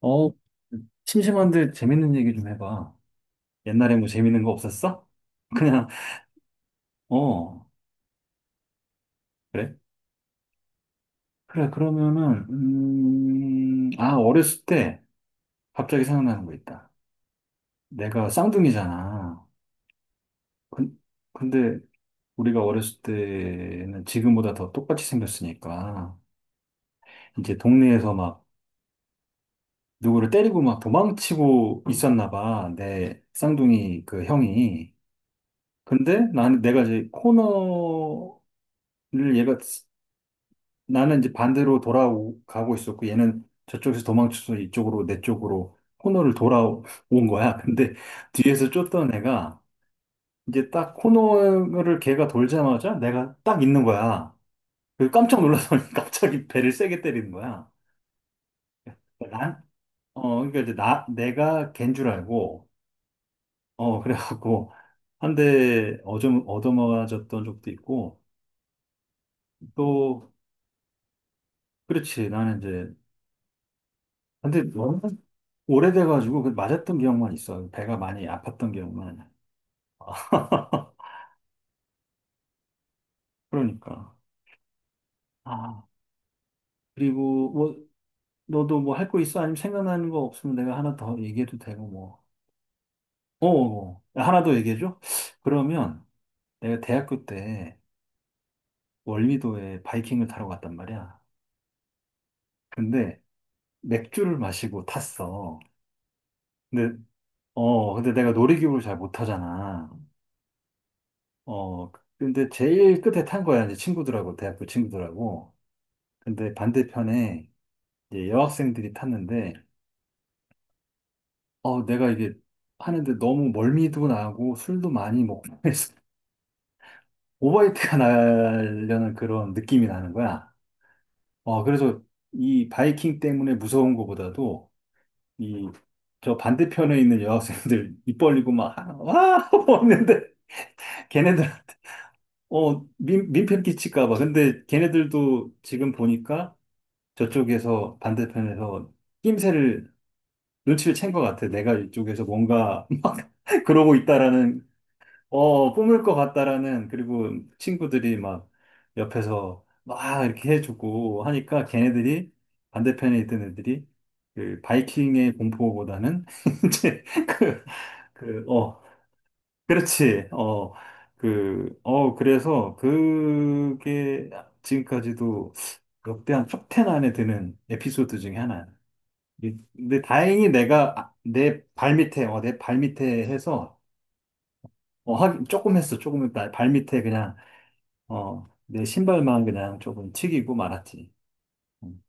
어, 심심한데 재밌는 얘기 좀 해봐. 옛날에 뭐 재밌는 거 없었어? 그냥, 어, 그래? 그래, 그러면은, 아, 어렸을 때 갑자기 생각나는 거 있다. 내가 쌍둥이잖아. 근, 근데 우리가 어렸을 때는 지금보다 더 똑같이 생겼으니까, 이제 동네에서 막 누구를 때리고 막 도망치고 있었나 봐. 내 쌍둥이 그 형이. 근데 나는 내가 이제 코너를 얘가 나는 이제 반대로 돌아가고 있었고 얘는 저쪽에서 도망쳐서 이쪽으로 내 쪽으로 코너를 돌아온 거야. 근데 뒤에서 쫓던 애가 이제 딱 코너를 걔가 돌자마자 내가 딱 있는 거야. 그 깜짝 놀라서 갑자기 배를 세게 때리는 거야. 그러니까 난, 어, 그러니까 이제 내가 걘 줄 알고, 어, 그래갖고 한 대 얻어맞았던 적도 있고 또 그렇지 나는 이제 근데 오래돼가지고 그 맞았던 기억만 있어요. 배가 많이 아팠던 기억만. 그러니까. 아, 그리고 뭐, 너도 뭐 할 거 있어? 아니면 생각나는 거 없으면 내가 하나 더 얘기해도 되고 뭐. 어, 어, 어. 하나 더 얘기해줘? 그러면 내가 대학교 때 월미도에 바이킹을 타러 갔단 말이야. 근데 맥주를 마시고 탔어. 근데, 어, 근데 내가 놀이기구를 잘 못 타잖아. 어, 근데 제일 끝에 탄 거야. 이제 친구들하고, 대학교 친구들하고. 근데 반대편에 이제 여학생들이 탔는데, 어, 내가 이게 하는데 너무 멀미도 나고 술도 많이 먹고 해서 오버히트가 나려는 그런 느낌이 나는 거야. 어, 그래서 이 바이킹 때문에 무서운 것보다도 이 저 반대편에 있는 여학생들 입 벌리고 막, 아, 와! 하고 는데 걔네들한테, 어, 민폐 끼칠까 봐. 근데 걔네들도 지금 보니까 저쪽에서 반대편에서 낌새를 눈치를 챈 것 같아. 내가 이쪽에서 뭔가 막 그러고 있다라는, 어, 뿜을 것 같다라는, 그리고 친구들이 막 옆에서 막 이렇게 해주고 하니까 걔네들이 반대편에 있던 애들이 그 바이킹의 공포보다는 이제 그, 그, 어, 그렇지. 어, 그, 어, 그래서 그게 지금까지도 역대 한 TO 안에 드는 에피소드 중에 하나야. 근데 다행히 내가 아, 내 발밑에 어, 내 발밑에 해서 어, 하긴 조금 했어 조금 했다 발밑에 그냥 어, 내 신발만 그냥 조금 튀기고 말았지 음.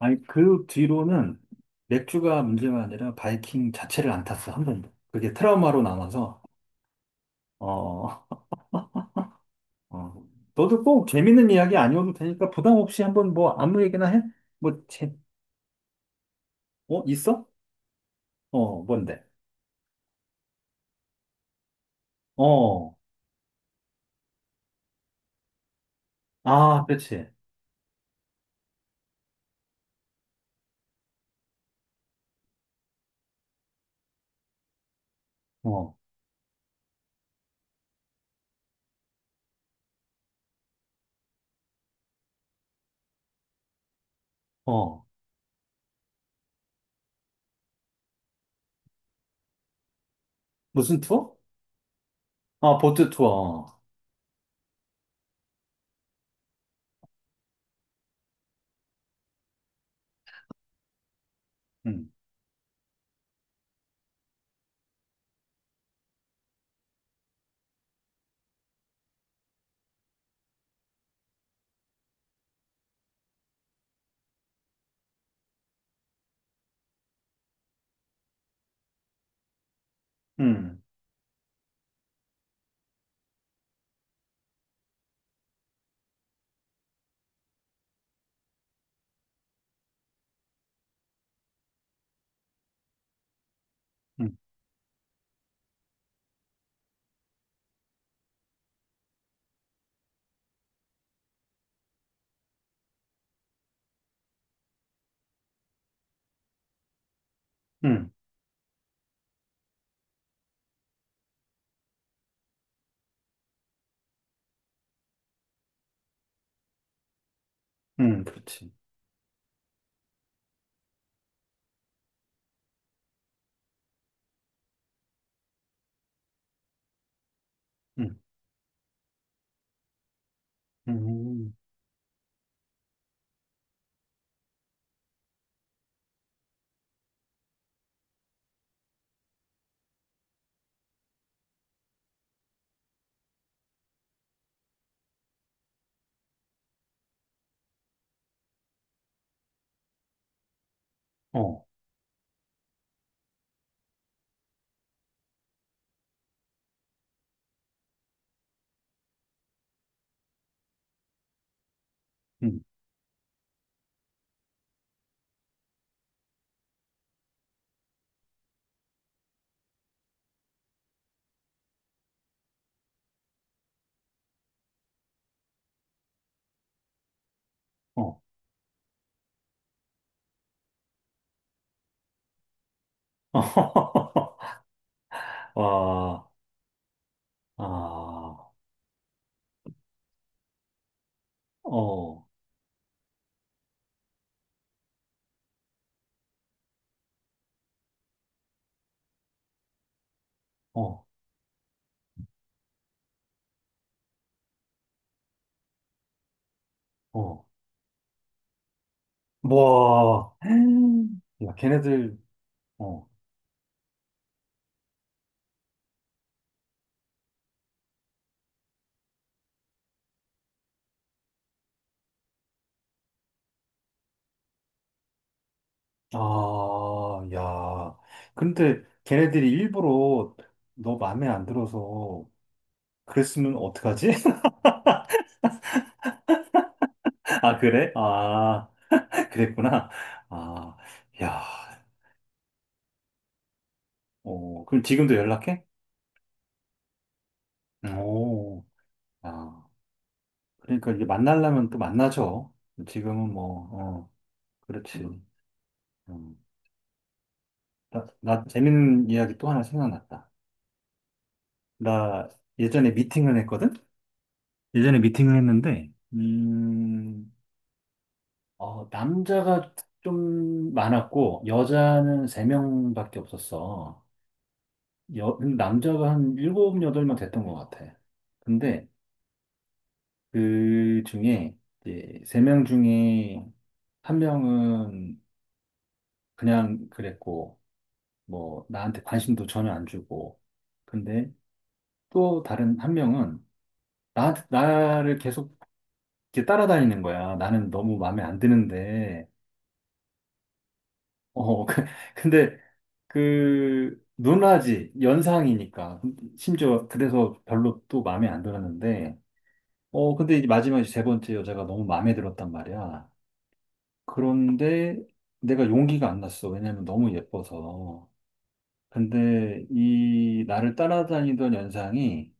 아니 그 뒤로는 맥주가 문제가 아니라 바이킹 자체를 안 탔어 한 번도 그게 트라우마로 남아서 어, 어. 너도 꼭 재밌는 이야기 아니어도 되니까 부담 없이 한번 뭐 아무 얘기나 해? 뭐 제, 어 있어? 어 뭔데? 어 아 그렇지 어 어. 무슨 투어? 아, 보트 투어. 응 응 응 응 응 그렇지. 응 응 어, 응 어. 와, 아, 어, 어, 어. 와, 야, 걔네들, 어, 아, 야. 근데 걔네들이 일부러 너 마음에 안 들어서 그랬으면 어떡하지? 아, 그래? 아, 그랬구나. 아, 야, 어, 그럼 지금도 연락해? 오, 아, 그러니까 이게 만나려면 또 만나죠. 지금은 뭐, 어, 그렇지. 음. 나 재밌는 이야기 또 하나 생각났다. 나 예전에 미팅을 했거든? 예전에 미팅을 했는데, 어, 남자가 좀 많았고, 여자는 세명밖에 없었어. 여, 남자가 한 일곱 여덟 명 됐던 것 같아. 근데 그 중에, 이제 3명 중에 한 명은 그냥 그랬고, 뭐, 나한테 관심도 전혀 안 주고. 근데 또 다른 한 명은 나한테, 나를 계속 이렇게 따라다니는 거야. 나는 너무 마음에 안 드는데. 어, 그- 근데 그, 누나지, 연상이니까. 심지어 그래서 별로 또 마음에 안 들었는데. 어, 근데 이제 마지막에 세 번째 여자가 너무 마음에 들었단 말이야. 그런데 내가 용기가 안 났어. 왜냐면 너무 예뻐서. 근데 이 나를 따라다니던 연상이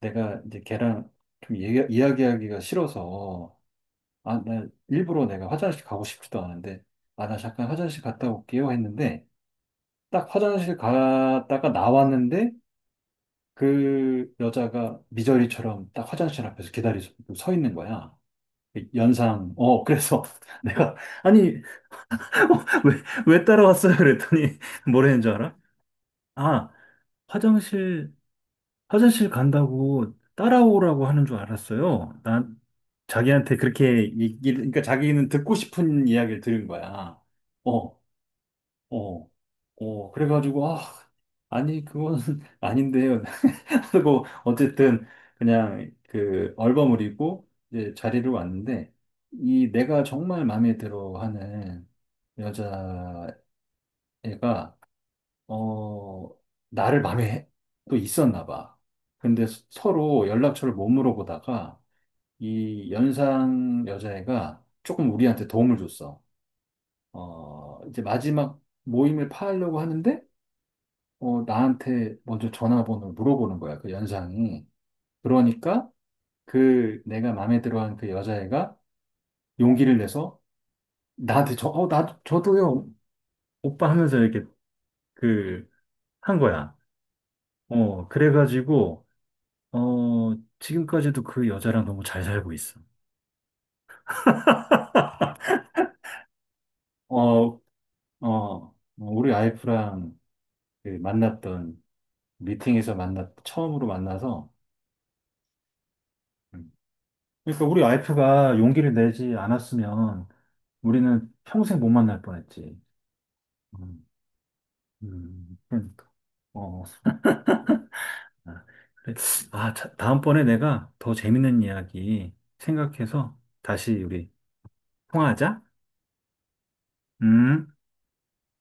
내가 이제 걔랑 좀 얘기, 이야기하기가 싫어서 아, 나 일부러 내가 화장실 가고 싶지도 않은데 아, 나 잠깐 화장실 갔다 올게요 했는데 딱 화장실 갔다가 나왔는데 그 여자가 미저리처럼 딱 화장실 앞에서 기다리고 서 있는 거야. 연상, 어, 그래서 내가, 아니, 왜, 왜 따라왔어요? 그랬더니 뭐라는 줄 알아? 아, 화장실 간다고 따라오라고 하는 줄 알았어요. 난 자기한테 그렇게 얘기를, 그러니까 자기는 듣고 싶은 이야기를 들은 거야. 어, 어, 어. 그래가지고, 아, 아니, 그건 아닌데요. 하고, 어쨌든, 그냥 그 얼버무리고 이제 자리를 왔는데, 이 내가 정말 마음에 들어 하는 여자애가 어, 나를 마음에 해- 또 있었나 봐. 근데 서로 연락처를 못 물어보다가 이 연상 여자애가 조금 우리한테 도움을 줬어. 어, 이제 마지막 모임을 파하려고 하는데, 어, 나한테 먼저 전화번호를 물어보는 거야, 그 연상이. 그러니까 그 내가 마음에 들어한 그 여자애가 용기를 내서 나한테 저, 어, 나도, 저도요, 오빠 하면서 이렇게 그, 한 거야. 어, 그래가지고, 어, 지금까지도 그 여자랑 너무 잘 살고 있어. 어, 어, 우리 와이프랑 그 만났던 미팅에서 만났, 처음으로 만나서, 음. 그러니까 우리 와이프가 용기를 내지 않았으면 우리는 평생 못 만날 뻔했지. 음, 그러니까. 어, 아, 그래. 아, 자, 다음번에 내가 더 재밌는 이야기 생각해서 다시 우리 통화하자. 음.